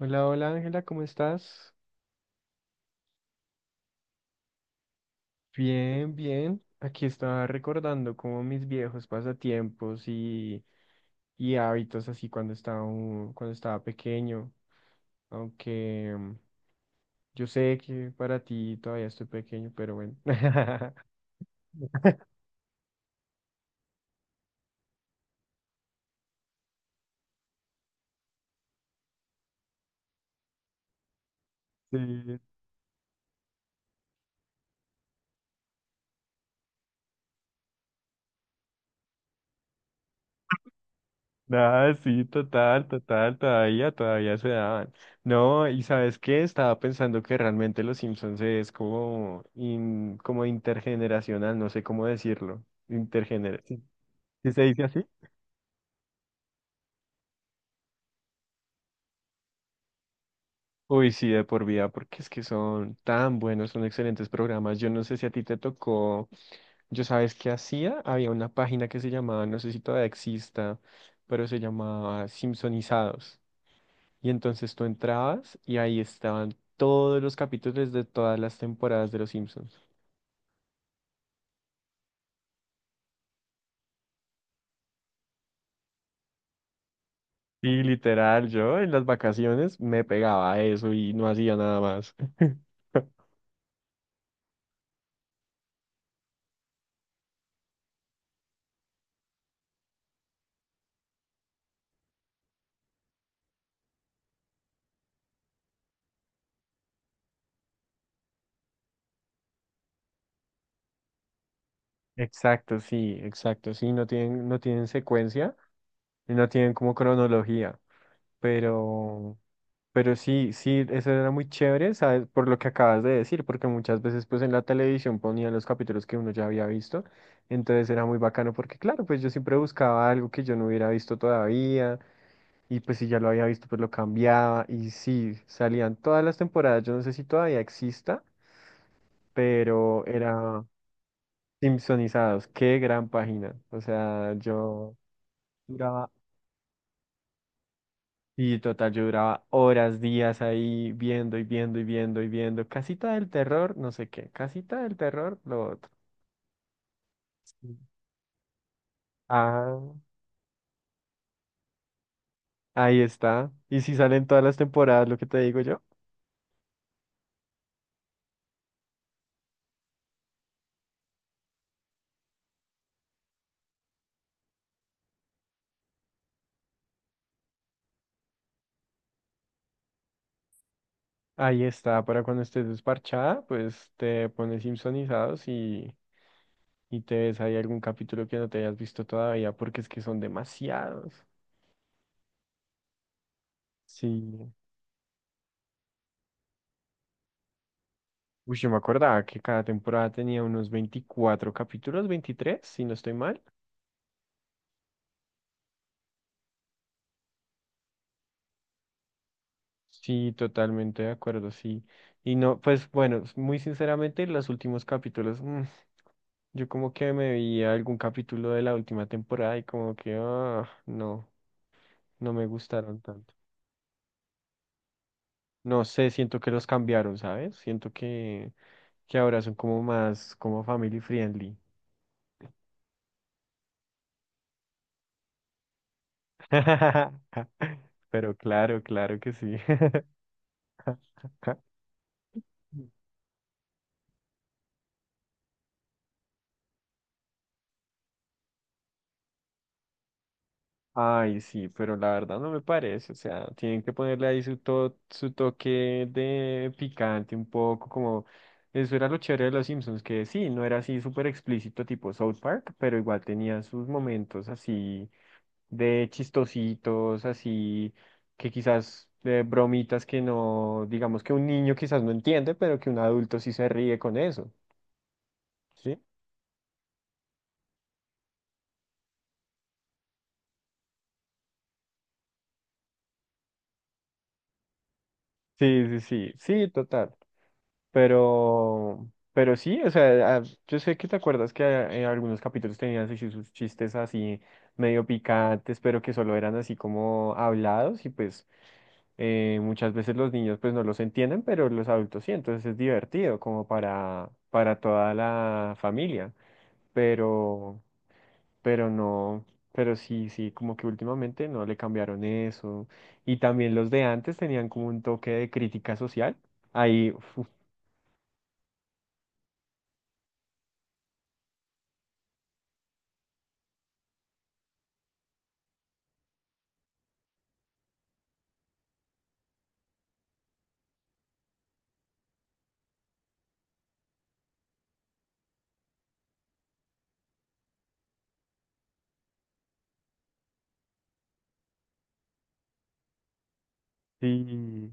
Hola, hola Ángela, ¿cómo estás? Bien, bien. Aquí estaba recordando como mis viejos pasatiempos y hábitos así cuando estaba, cuando estaba pequeño. Aunque yo sé que para ti todavía estoy pequeño, pero bueno. Sí, nada, sí, total, total, todavía, todavía se daban. No, y ¿sabes qué? Estaba pensando que realmente Los Simpsons es como, como intergeneracional, no sé cómo decirlo. Intergeneracional. ¿Sí se dice así? Uy, sí, de por vida, porque es que son tan buenos, son excelentes programas. Yo no sé si a ti te tocó, yo sabes qué hacía, había una página que se llamaba, no sé si todavía exista, pero se llamaba Simpsonizados. Y entonces tú entrabas y ahí estaban todos los capítulos de todas las temporadas de Los Simpsons. Y literal, yo en las vacaciones me pegaba a eso y no hacía nada más. Exacto, sí, exacto, sí, no tienen, no tienen secuencia. Y no tienen como cronología, pero, pero sí, sí, eso era muy chévere, ¿sabes? Por lo que acabas de decir, porque muchas veces pues en la televisión ponían los capítulos que uno ya había visto, entonces era muy bacano porque claro, pues yo siempre buscaba algo que yo no hubiera visto todavía, y pues si ya lo había visto pues lo cambiaba, y sí, salían todas las temporadas, yo no sé si todavía exista, pero era Simpsonizados, qué gran página, o sea, yo... duraba. Y total, yo duraba horas, días ahí viendo y viendo y viendo y viendo. Casita del terror, no sé qué. Casita del terror, lo otro. Sí. Ah, ahí está. Y si salen todas las temporadas, lo que te digo yo, ahí está. Para cuando estés desparchada, pues te pones Simpsonizados y te ves ahí algún capítulo que no te hayas visto todavía, porque es que son demasiados. Sí. Uy, yo me acordaba que cada temporada tenía unos 24 capítulos, 23 si no estoy mal. Sí, totalmente de acuerdo, sí. Y no, pues bueno, muy sinceramente, los últimos capítulos, yo como que me vi algún capítulo de la última temporada y como que, ah, no, no me gustaron tanto. No sé, siento que los cambiaron, ¿sabes? Siento que ahora son como más, como family friendly. Pero claro, claro que sí. Ay, sí, pero la verdad no me parece, o sea, tienen que ponerle ahí su, su toque de picante un poco, como eso era lo chévere de los Simpsons, que sí, no era así súper explícito tipo South Park, pero igual tenía sus momentos así de chistositos, así que quizás de bromitas que no, digamos que un niño quizás no entiende, pero que un adulto sí se ríe con eso, ¿sí? Sí, sí, sí, sí, total. Pero sí, o sea, ah, yo sé que te acuerdas que algunos capítulos tenían así sus chistes así medio picantes, pero que solo eran así como hablados y pues muchas veces los niños pues no los entienden, pero los adultos sí, entonces es divertido como para toda la familia, pero, pero no, pero sí, sí, como que últimamente no le cambiaron eso y también los de antes tenían como un toque de crítica social, ahí, uf, sí.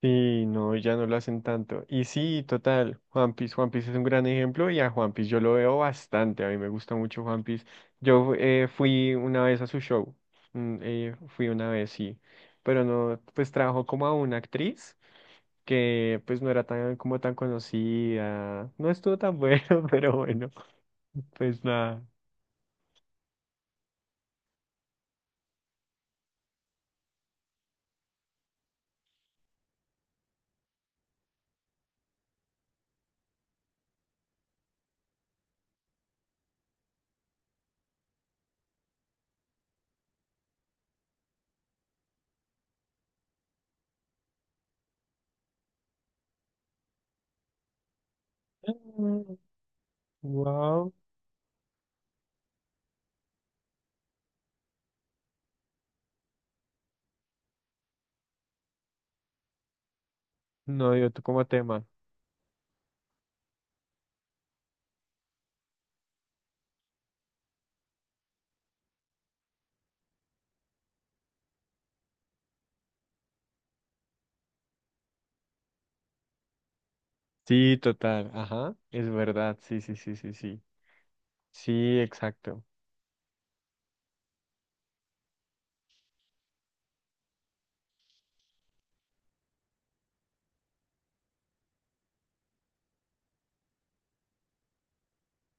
Sí, no, ya no lo hacen tanto. Y sí, total, Juan Piece, Juan Piece es un gran ejemplo y a Juan Piece yo lo veo bastante, a mí me gusta mucho Juan Piece. Yo fui una vez a su show, fui una vez, sí, pero no, pues trabajó como a una actriz que pues no era tan como tan conocida, no estuvo tan bueno, pero bueno, pues nada. Wow, no dio tú como tema. Sí, total, ajá, es verdad, sí, sí, sí, sí, sí. Sí, exacto.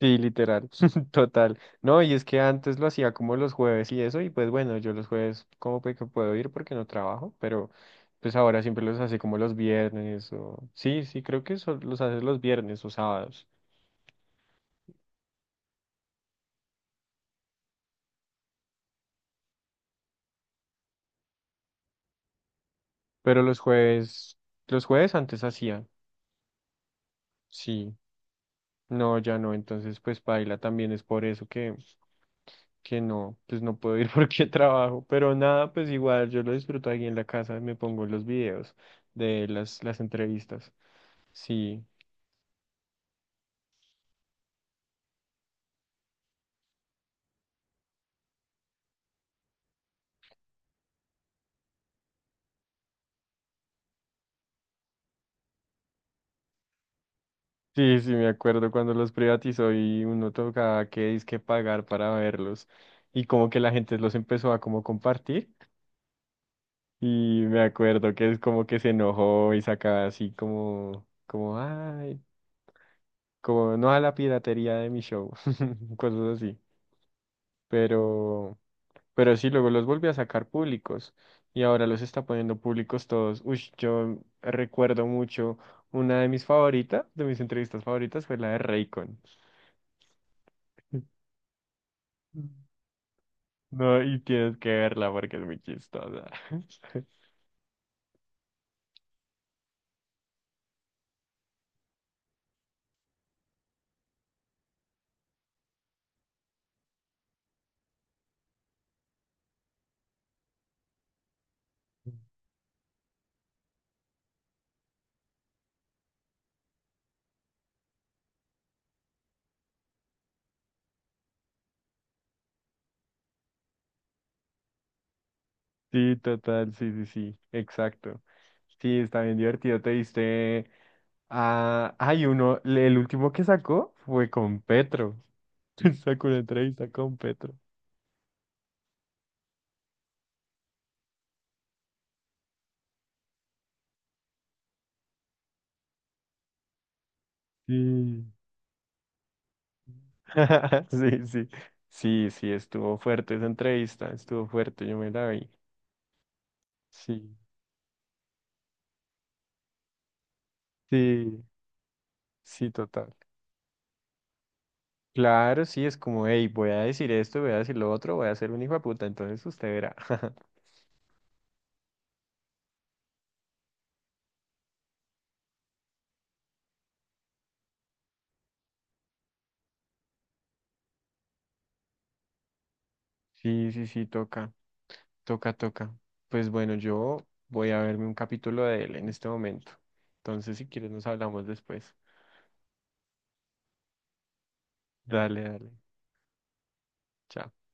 Sí, literal, total. No, y es que antes lo hacía como los jueves y eso, y pues bueno, yo los jueves como que puedo ir porque no trabajo, pero pues ahora siempre los hace como los viernes o... Sí, sí, creo que eso los hace los viernes o sábados, pero los jueves antes hacía, sí, no, ya no, entonces pues paila también es por eso que no, pues no puedo ir porque trabajo, pero nada, pues igual yo lo disfruto aquí en la casa, me pongo los videos de las entrevistas, sí. Sí, sí, me acuerdo cuando los privatizó y uno tocaba que pagar para verlos y como que la gente los empezó a como compartir y me acuerdo que es como que se enojó y sacaba así como, como, ay, como no a la piratería de mi show, cosas así, pero, pero sí, luego los volvió a sacar públicos y ahora los está poniendo públicos todos. Uy, yo recuerdo mucho, una de mis favoritas, de mis entrevistas favoritas fue la de Raycon. No, y tienes que verla porque es muy chistosa. Sí, total, sí, sí, sí, exacto. Sí, está bien divertido. Te viste. Ah, hay uno, el último que sacó fue con Petro. Sacó una entrevista con Petro. Sí. Sí, sí. Sí, sí, estuvo fuerte esa entrevista, estuvo fuerte, yo me la vi. Sí, sí, sí, total. Claro, sí, es como, hey, voy a decir esto, voy a decir lo otro, voy a ser un hijo de puta, entonces usted verá. Sí, sí, sí, toca, toca, toca. Pues bueno, yo voy a verme un capítulo de él en este momento. Entonces, si quieres, nos hablamos después. Dale, dale. Chao.